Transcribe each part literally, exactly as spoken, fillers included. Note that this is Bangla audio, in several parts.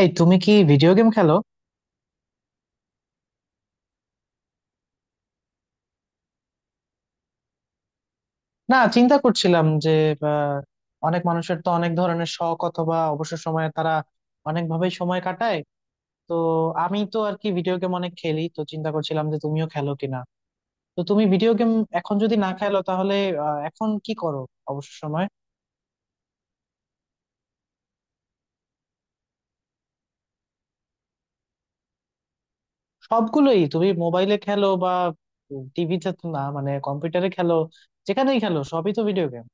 এই তুমি কি ভিডিও গেম খেলো? না, চিন্তা করছিলাম যে আহ, অনেক মানুষের তো অনেক ধরনের শখ অথবা অবসর সময়ে তারা অনেক ভাবেই সময় কাটায়। তো আমি তো আর কি ভিডিও গেম অনেক খেলি, তো চিন্তা করছিলাম যে তুমিও খেলো কিনা। তো তুমি ভিডিও গেম এখন যদি না খেলো, তাহলে আহ, এখন কি করো অবসর সময়? সবগুলোই? তুমি মোবাইলে খেলো বা টিভিতে, না মানে কম্পিউটারে খেলো, যেখানেই খেলো সবই তো ভিডিও গেম।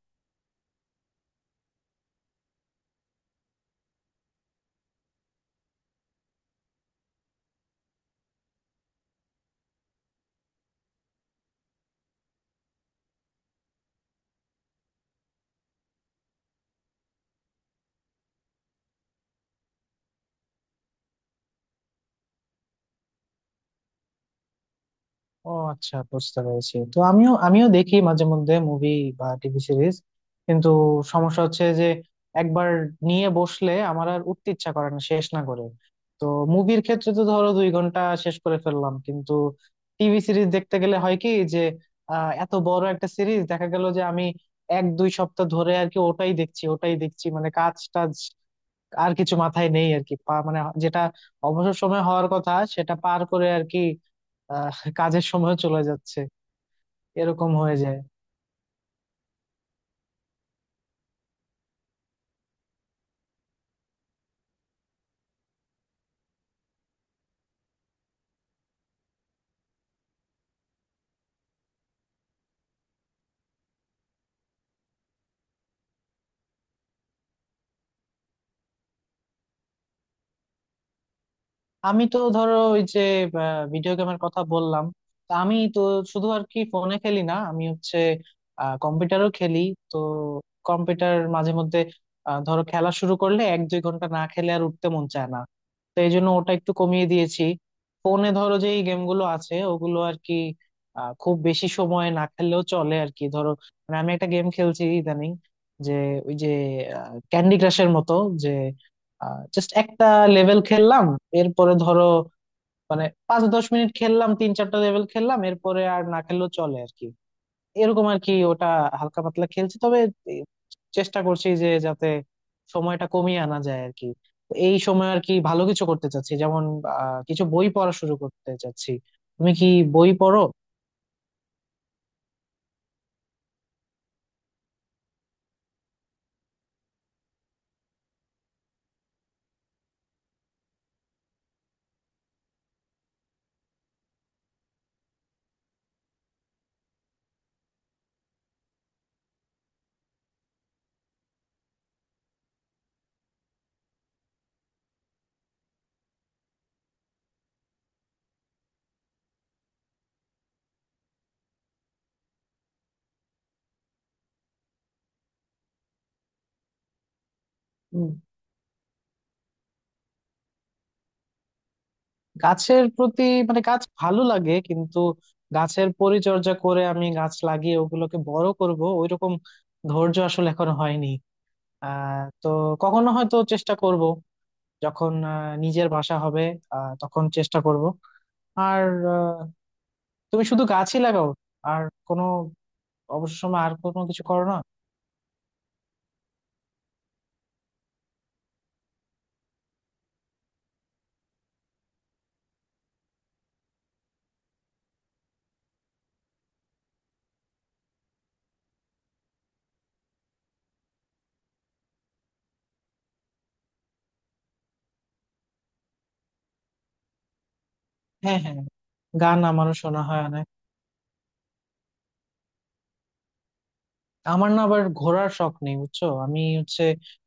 ও আচ্ছা, বুঝতে পেরেছি। তো আমিও আমিও দেখি মাঝে মধ্যে মুভি বা টিভি সিরিজ, কিন্তু সমস্যা হচ্ছে যে একবার নিয়ে বসলে আমার আর উঠতে ইচ্ছা করে না শেষ না করে। তো মুভির ক্ষেত্রে তো ধরো দুই ঘন্টা শেষ করে ফেললাম, কিন্তু টিভি সিরিজ দেখতে গেলে হয় কি যে আহ এত বড় একটা সিরিজ দেখা গেল যে আমি এক দুই সপ্তাহ ধরে আর কি ওটাই দেখছি ওটাই দেখছি, মানে কাজ টাজ আর কিছু মাথায় নেই আর কি। পা- মানে যেটা অবসর সময় হওয়ার কথা সেটা পার করে আর কি আহ কাজের সময় চলে যাচ্ছে। এরকম হয়ে যায়। আমি তো ধরো, ওই যে ভিডিও গেমের কথা বললাম, তা আমি তো শুধু আর কি ফোনে খেলি না, আমি হচ্ছে কম্পিউটারও খেলি। তো কম্পিউটার মাঝে মধ্যে আহ, ধরো খেলা শুরু করলে এক দুই ঘন্টা না খেলে আর উঠতে মন চায় না। তো এই জন্য ওটা একটু কমিয়ে দিয়েছি। ফোনে ধরো যে এই গেমগুলো আছে, ওগুলো আর কি আহ, খুব বেশি সময় না খেললেও চলে আর কি। ধরো, মানে আমি একটা গেম খেলছি ইদানিং, যে ওই যে ক্যান্ডি ক্রাশের মতো, যে জাস্ট একটা লেভেল খেললাম এরপরে ধরো মানে পাঁচ দশ মিনিট খেললাম, তিন চারটা লেভেল খেললাম, এরপরে আর না খেললেও চলে আর কি। এরকম আর কি ওটা হালকা পাতলা খেলছি, তবে এ- চেষ্টা করছি যে যাতে সময়টা কমিয়ে আনা যায় আর কি। তো এই সময় আর কি ভালো কিছু করতে চাচ্ছি, যেমন আহ কিছু বই পড়া শুরু করতে চাচ্ছি। তুমি কি বই পড়ো? গাছের প্রতি, মানে গাছ ভালো লাগে, কিন্তু গাছের পরিচর্যা করে আমি গাছ লাগিয়ে ওগুলোকে বড় করব ওইরকম ধৈর্য আসলে এখনো হয়নি। আহ তো কখনো হয়তো চেষ্টা করব, যখন আহ, নিজের বাসা হবে, আহ, তখন চেষ্টা করব। আর আহ, তুমি শুধু গাছই লাগাও, আর কোনো অবসর সময় আর কোনো কিছু করো না? হ্যাঁ হ্যাঁ। গান আমারও শোনা হয় অনেক। আমার না আবার ঘোরার শখ নেই, বুঝছো, আমি হচ্ছে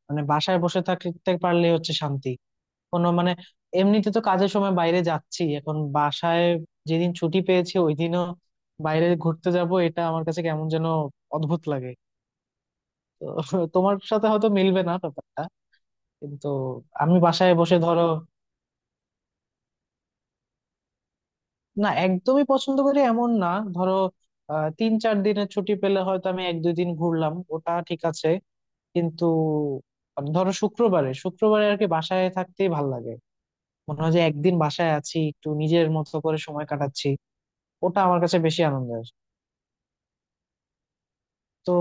মানে বাসায় বসে থাকতে পারলে হচ্ছে শান্তি। কোনো মানে এমনিতে তো কাজের সময় বাইরে যাচ্ছি, এখন বাসায় যেদিন ছুটি পেয়েছি ওই দিনও বাইরে ঘুরতে যাব, এটা আমার কাছে কেমন যেন অদ্ভুত লাগে। তো তোমার সাথে হয়তো মিলবে না ব্যাপারটা, কিন্তু আমি বাসায় বসে ধরো। না, একদমই পছন্দ করি এমন না। ধরো আহ তিন চার দিনের ছুটি পেলে হয়তো আমি এক দুই দিন ঘুরলাম, ওটা ঠিক আছে, কিন্তু ধরো শুক্রবারে শুক্রবারে আর কি বাসায় থাকতেই ভাল লাগে। মনে হয় যে একদিন বাসায় আছি, একটু নিজের মতো করে সময় কাটাচ্ছি। ওটা আমার কাছে বেশি আনন্দের। তো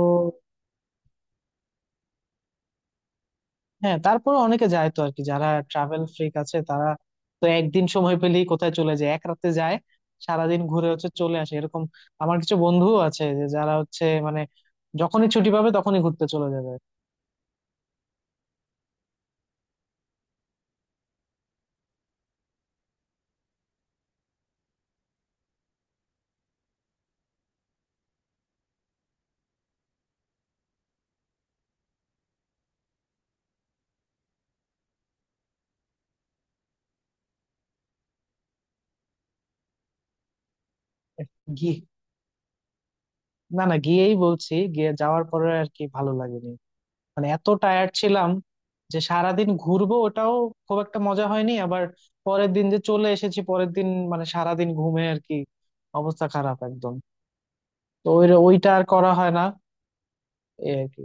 হ্যাঁ, তারপরে অনেকে যায় তো আর কি, যারা ট্রাভেল ফ্রিক আছে তারা, তো একদিন সময় পেলেই কোথায় চলে যায়, এক রাতে যায় সারাদিন ঘুরে হচ্ছে চলে আসে এরকম। আমার কিছু বন্ধুও আছে যে যারা হচ্ছে মানে যখনই ছুটি পাবে তখনই ঘুরতে চলে যাবে। গিয়ে, না না, গিয়েই বলছি গিয়ে যাওয়ার পরে আর কি ভালো লাগেনি। মানে এত টায়ার্ড ছিলাম যে সারাদিন ঘুরবো ওটাও খুব একটা মজা হয়নি, আবার পরের দিন যে চলে এসেছি পরের দিন মানে সারাদিন ঘুমে আর কি, অবস্থা খারাপ একদম। তো ওই ওইটা আর করা হয় না। এই আর কি।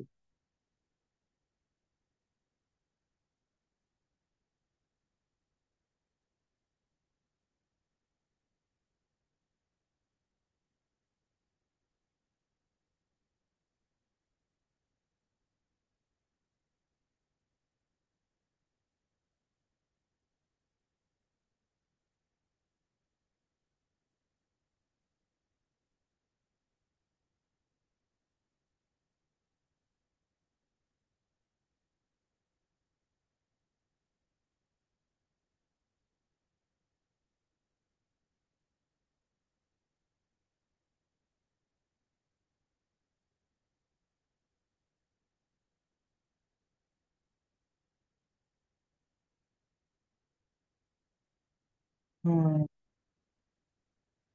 হুম।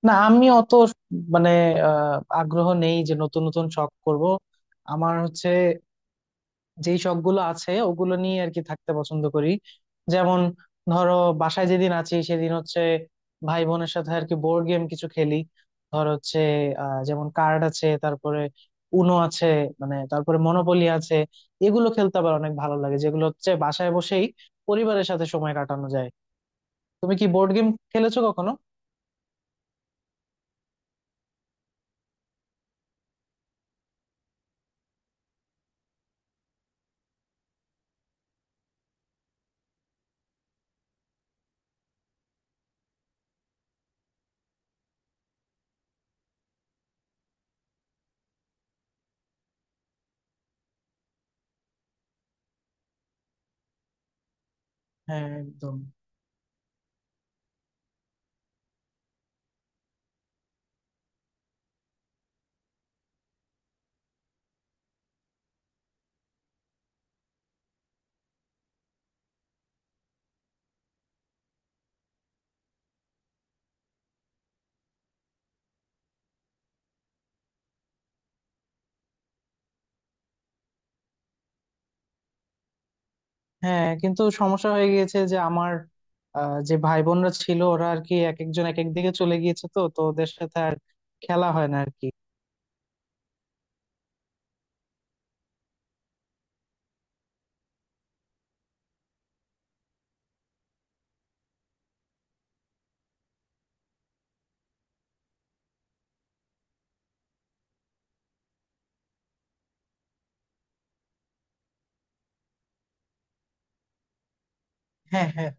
না, আমি অত মানে আহ, আগ্রহ নেই যে নতুন নতুন শখ করব। আমার হচ্ছে যেই শখ গুলো আছে ওগুলো নিয়ে আর কি থাকতে পছন্দ করি। যেমন ধরো বাসায় যেদিন আছি সেদিন হচ্ছে ভাই বোনের সাথে আর কি বোর্ড গেম কিছু খেলি। ধর হচ্ছে আহ, যেমন কার্ড আছে, তারপরে উনো আছে, মানে তারপরে মনোপলি আছে। এগুলো খেলতে আবার অনেক ভালো লাগে, যেগুলো হচ্ছে বাসায় বসেই পরিবারের সাথে সময় কাটানো যায়। তুমি কি বোর্ড গেম খেলেছো কখনো? হ্যাঁ, একদম। হ্যাঁ, কিন্তু সমস্যা হয়ে গিয়েছে যে আমার আহ, যে ভাই বোনরা ছিল ওরা আর কি এক একজন এক এক দিকে চলে গিয়েছে, তো তো ওদের সাথে আর খেলা হয় না আর কি। হ্যাঁ হ্যাঁ।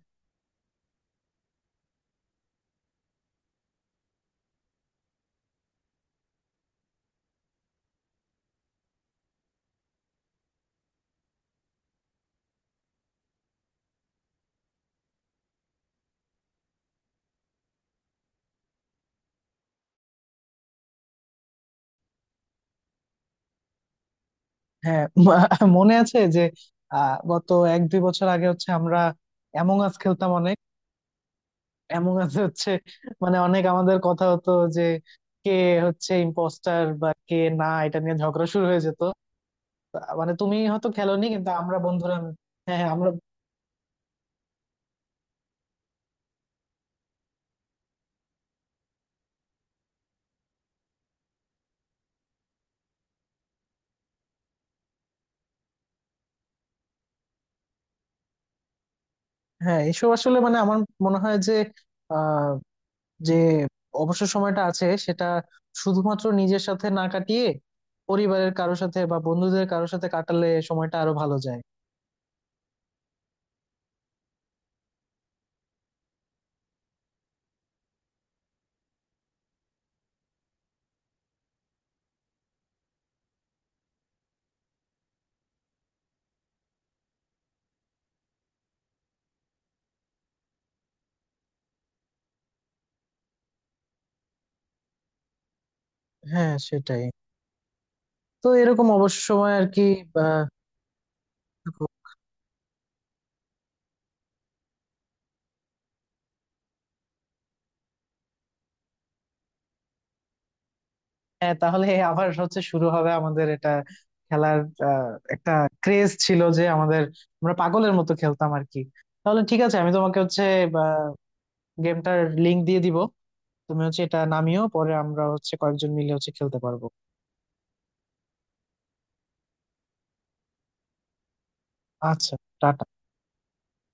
হ্যাঁ ম- মনে আছে যে আহ গত এক দুই বছর আগে হচ্ছে আমরা অ্যামং আস খেলতাম অনেক। অ্যামং আস হচ্ছে মানে অনেক আমাদের কথা হতো যে কে হচ্ছে ইম্পোস্টার বা কে না, এটা নিয়ে ঝগড়া শুরু হয়ে যেত। তা- মানে তুমি হয়তো খেলোনি, কিন্তু আমরা বন্ধুরা, হ্যাঁ হ্যাঁ, আমরা। হ্যাঁ, এসব আসলে মানে আমার মনে হয় যে আহ যে অবসর সময়টা আছে সেটা শুধুমাত্র নিজের সাথে না কাটিয়ে পরিবারের কারোর সাথে বা বন্ধুদের কারোর সাথে কাটালে সময়টা আরো ভালো যায়। হ্যাঁ, সেটাই। তো এরকম অবসর সময় আর কি। আহ, হ্যাঁ, তাহলে আবার হচ্ছে শুরু হবে আমাদের এটা খেলার। আহ, একটা ক্রেজ ছিল যে আমাদের, আমরা পাগলের মতো খেলতাম আর কি। তাহলে ঠিক আছে, আমি তোমাকে হচ্ছে গেমটার লিংক দিয়ে দিব, তুমি হচ্ছে এটা নামিও, পরে আমরা হচ্ছে কয়েকজন মিলে হচ্ছে খেলতে পারবো। আচ্ছা, টাটা।